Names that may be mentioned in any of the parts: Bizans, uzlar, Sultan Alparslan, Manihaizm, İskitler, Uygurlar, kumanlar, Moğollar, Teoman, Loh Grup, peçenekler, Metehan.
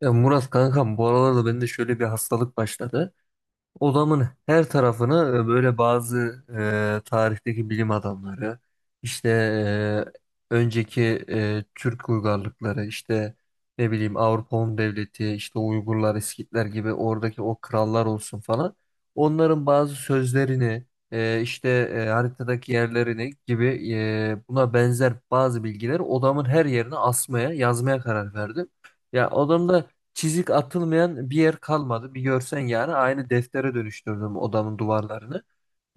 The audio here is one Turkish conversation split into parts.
Ya Murat kankam, bu aralarda bende şöyle bir hastalık başladı. Odamın her tarafını böyle bazı tarihteki bilim adamları, işte önceki Türk uygarlıkları, işte ne bileyim Avrupa Hun Devleti, işte Uygurlar, İskitler gibi oradaki o krallar olsun falan. Onların bazı sözlerini, işte haritadaki yerlerini gibi buna benzer bazı bilgileri odamın her yerine asmaya, yazmaya karar verdim. Odamda çizik atılmayan bir yer kalmadı. Bir görsen, yani aynı deftere dönüştürdüm odamın duvarlarını.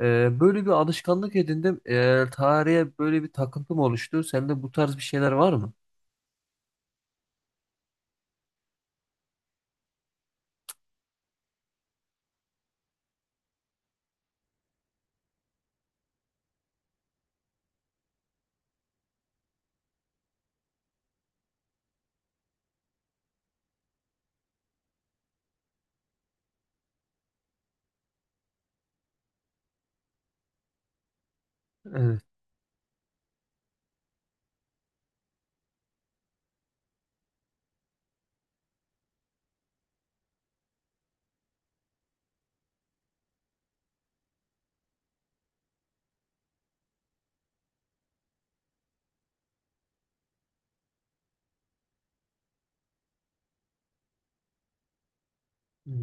Böyle bir alışkanlık edindim. Tarihe böyle bir takıntım oluştu. Sende bu tarz bir şeyler var mı? Evet.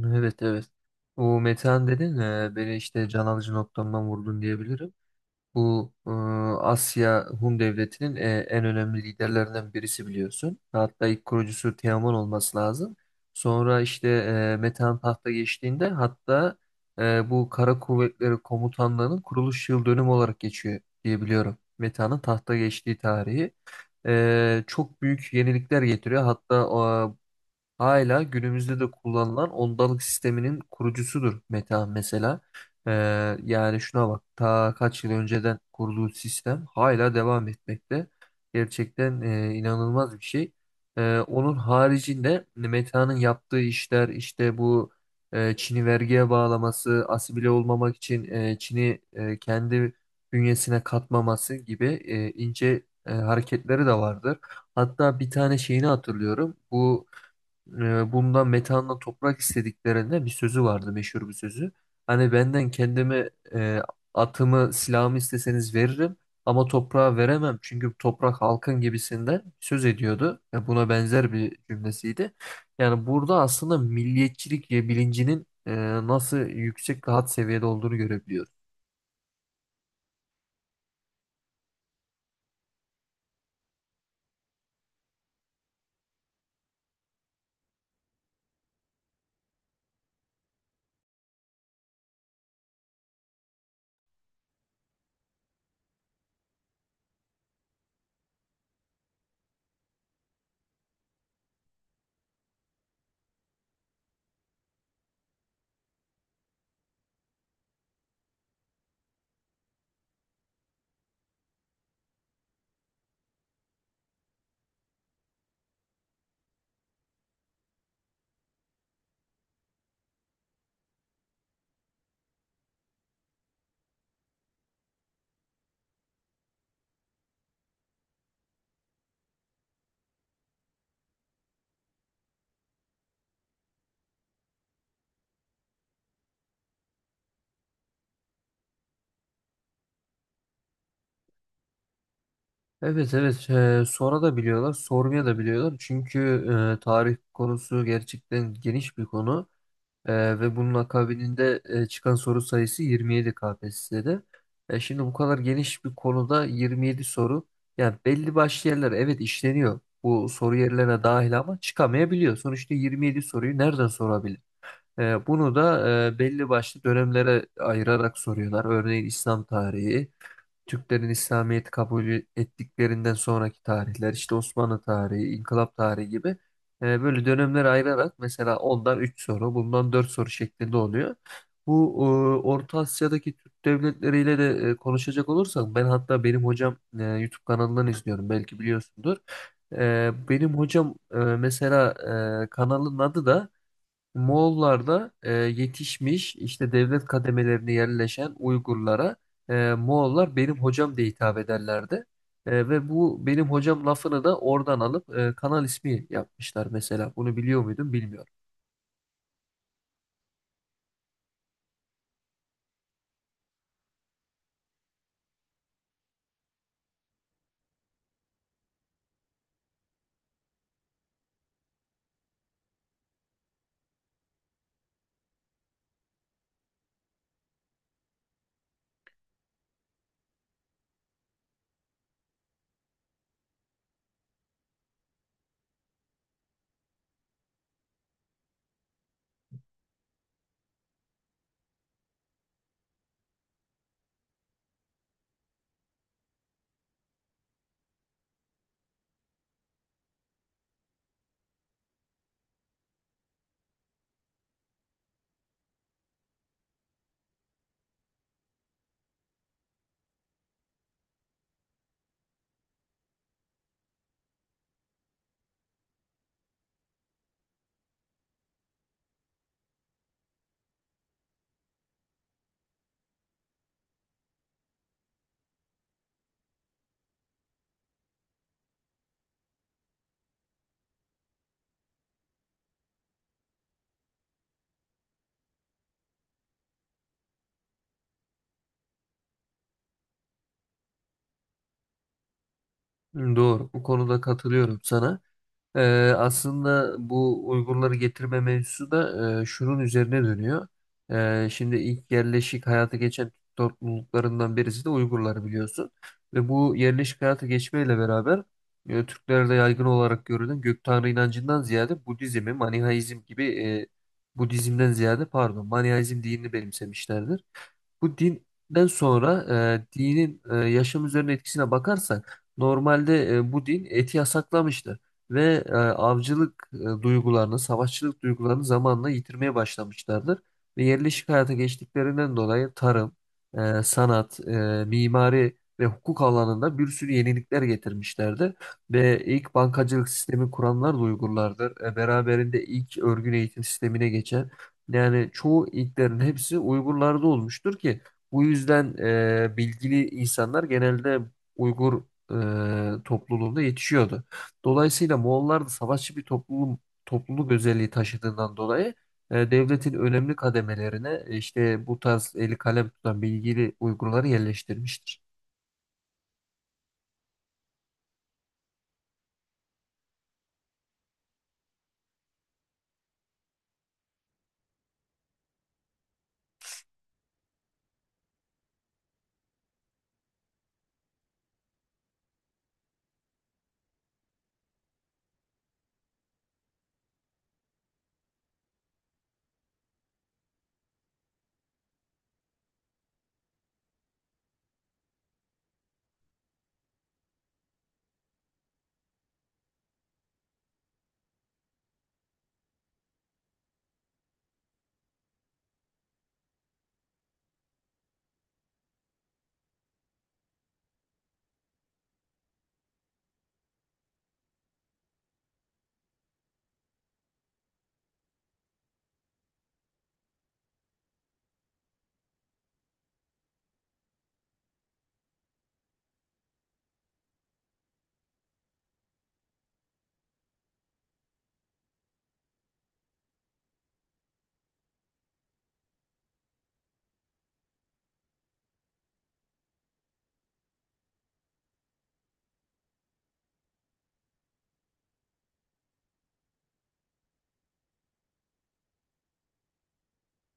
Evet, evet. O Metehan dedin, beni işte can alıcı noktamdan vurdun diyebilirim. Bu Asya Hun Devleti'nin en önemli liderlerinden birisi, biliyorsun. Hatta ilk kurucusu Teoman olması lazım. Sonra işte Metehan tahta geçtiğinde, hatta bu Kara Kuvvetleri Komutanlığı'nın kuruluş yıl dönümü olarak geçiyor diye biliyorum, Metehan'ın tahta geçtiği tarihi. Çok büyük yenilikler getiriyor. Hatta hala günümüzde de kullanılan ondalık sisteminin kurucusudur Meta mesela. Ee, Yani şuna bak ta kaç yıl önceden kurduğu sistem hala devam etmekte. Gerçekten inanılmaz bir şey. Onun haricinde Meta'nın yaptığı işler işte bu Çin'i vergiye bağlaması, asimile olmamak için Çin'i kendi bünyesine katmaması gibi ince hareketleri de vardır. Hatta bir tane şeyini hatırlıyorum. Bundan metanla toprak istediklerinde bir sözü vardı, meşhur bir sözü. Hani benden kendimi atımı, silahımı isteseniz veririm ama toprağa veremem çünkü toprak halkın gibisinden söz ediyordu. Ya buna benzer bir cümlesiydi. Yani burada aslında milliyetçilik bilincinin nasıl yüksek ve had seviyede olduğunu görebiliyoruz. Evet, evet, sonra da biliyorlar, sormaya da biliyorlar çünkü tarih konusu gerçekten geniş bir konu. Ve bunun akabininde çıkan soru sayısı 27 KPSS'de. Şimdi bu kadar geniş bir konuda 27 soru. Yani belli başlı yerler, evet, işleniyor. Bu soru yerlerine dahil ama çıkamayabiliyor. Sonuçta 27 soruyu nereden sorabilir? Bunu da belli başlı dönemlere ayırarak soruyorlar. Örneğin İslam tarihi. Türklerin İslamiyet'i kabul ettiklerinden sonraki tarihler, işte Osmanlı tarihi, İnkılap tarihi gibi böyle dönemlere ayırarak mesela ondan 3 soru, bundan 4 soru şeklinde oluyor. Bu e, Orta Asya'daki Türk devletleriyle de konuşacak olursak, ben hatta benim hocam YouTube kanalından izliyorum, belki biliyorsundur. Benim hocam, mesela kanalın adı da Moğollar da yetişmiş işte devlet kademelerine yerleşen Uygurlara Moğollar benim hocam diye hitap ederlerdi. Ve bu benim hocam lafını da oradan alıp kanal ismi yapmışlar mesela. Bunu biliyor muydun bilmiyorum. Doğru. Bu konuda katılıyorum sana. Aslında bu Uygurları getirme mevzusu da şunun üzerine dönüyor. Şimdi ilk yerleşik hayata geçen Türk topluluklarından birisi de Uygurlar, biliyorsun. Ve bu yerleşik hayata geçmeyle beraber Türklerde yaygın olarak görülen gök tanrı inancından ziyade Budizmi, Manihaizm gibi e, Budizmden ziyade pardon, Manihaizm dinini benimsemişlerdir. Bu dinden sonra dinin yaşam üzerine etkisine bakarsak, normalde bu din eti yasaklamıştı ve avcılık duygularını, savaşçılık duygularını zamanla yitirmeye başlamışlardır. Ve yerleşik hayata geçtiklerinden dolayı tarım, sanat, mimari ve hukuk alanında bir sürü yenilikler getirmişlerdi. Ve ilk bankacılık sistemi kuranlar da Uygurlardır. Beraberinde ilk örgün eğitim sistemine geçen, yani çoğu ilklerin hepsi Uygurlarda olmuştur ki bu yüzden bilgili insanlar genelde Uygur topluluğunda yetişiyordu. Dolayısıyla Moğollar da savaşçı bir topluluk, özelliği taşıdığından dolayı devletin önemli kademelerine işte bu tarz eli kalem tutan bilgili Uygurları yerleştirmiştir.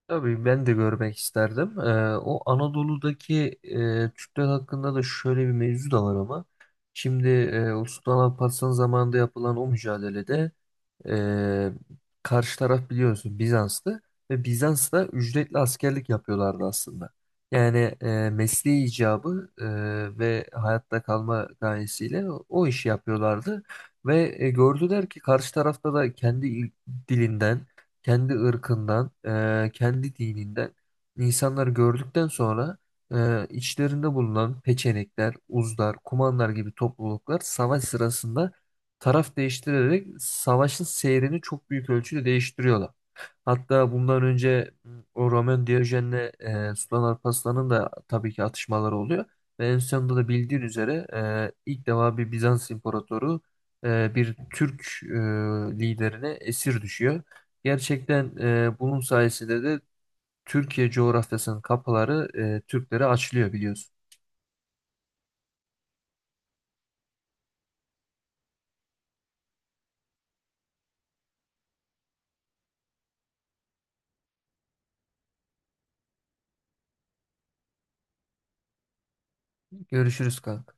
Tabii ben de görmek isterdim. O Anadolu'daki Türkler hakkında da şöyle bir mevzu da var ama. Şimdi o Sultan Alparslan zamanında yapılan o mücadelede e, karşı taraf, biliyorsun, Bizans'tı ve Bizans'ta ücretli askerlik yapıyorlardı aslında. Yani mesleği icabı ve hayatta kalma gayesiyle o işi yapıyorlardı ve gördüler ki karşı tarafta da dilinden, kendi ırkından, kendi dininden insanları gördükten sonra içlerinde bulunan peçenekler, uzlar, kumanlar gibi topluluklar savaş sırasında taraf değiştirerek savaşın seyrini çok büyük ölçüde değiştiriyorlar. Hatta bundan önce o Romain Diyojen'le Sultan Alparslan'ın da tabii ki atışmaları oluyor. Ve en sonunda da, bildiğin üzere, ilk defa bir Bizans imparatoru bir Türk liderine esir düşüyor. Gerçekten bunun sayesinde de Türkiye coğrafyasının kapıları Türklere açılıyor, biliyorsun. Görüşürüz kanka.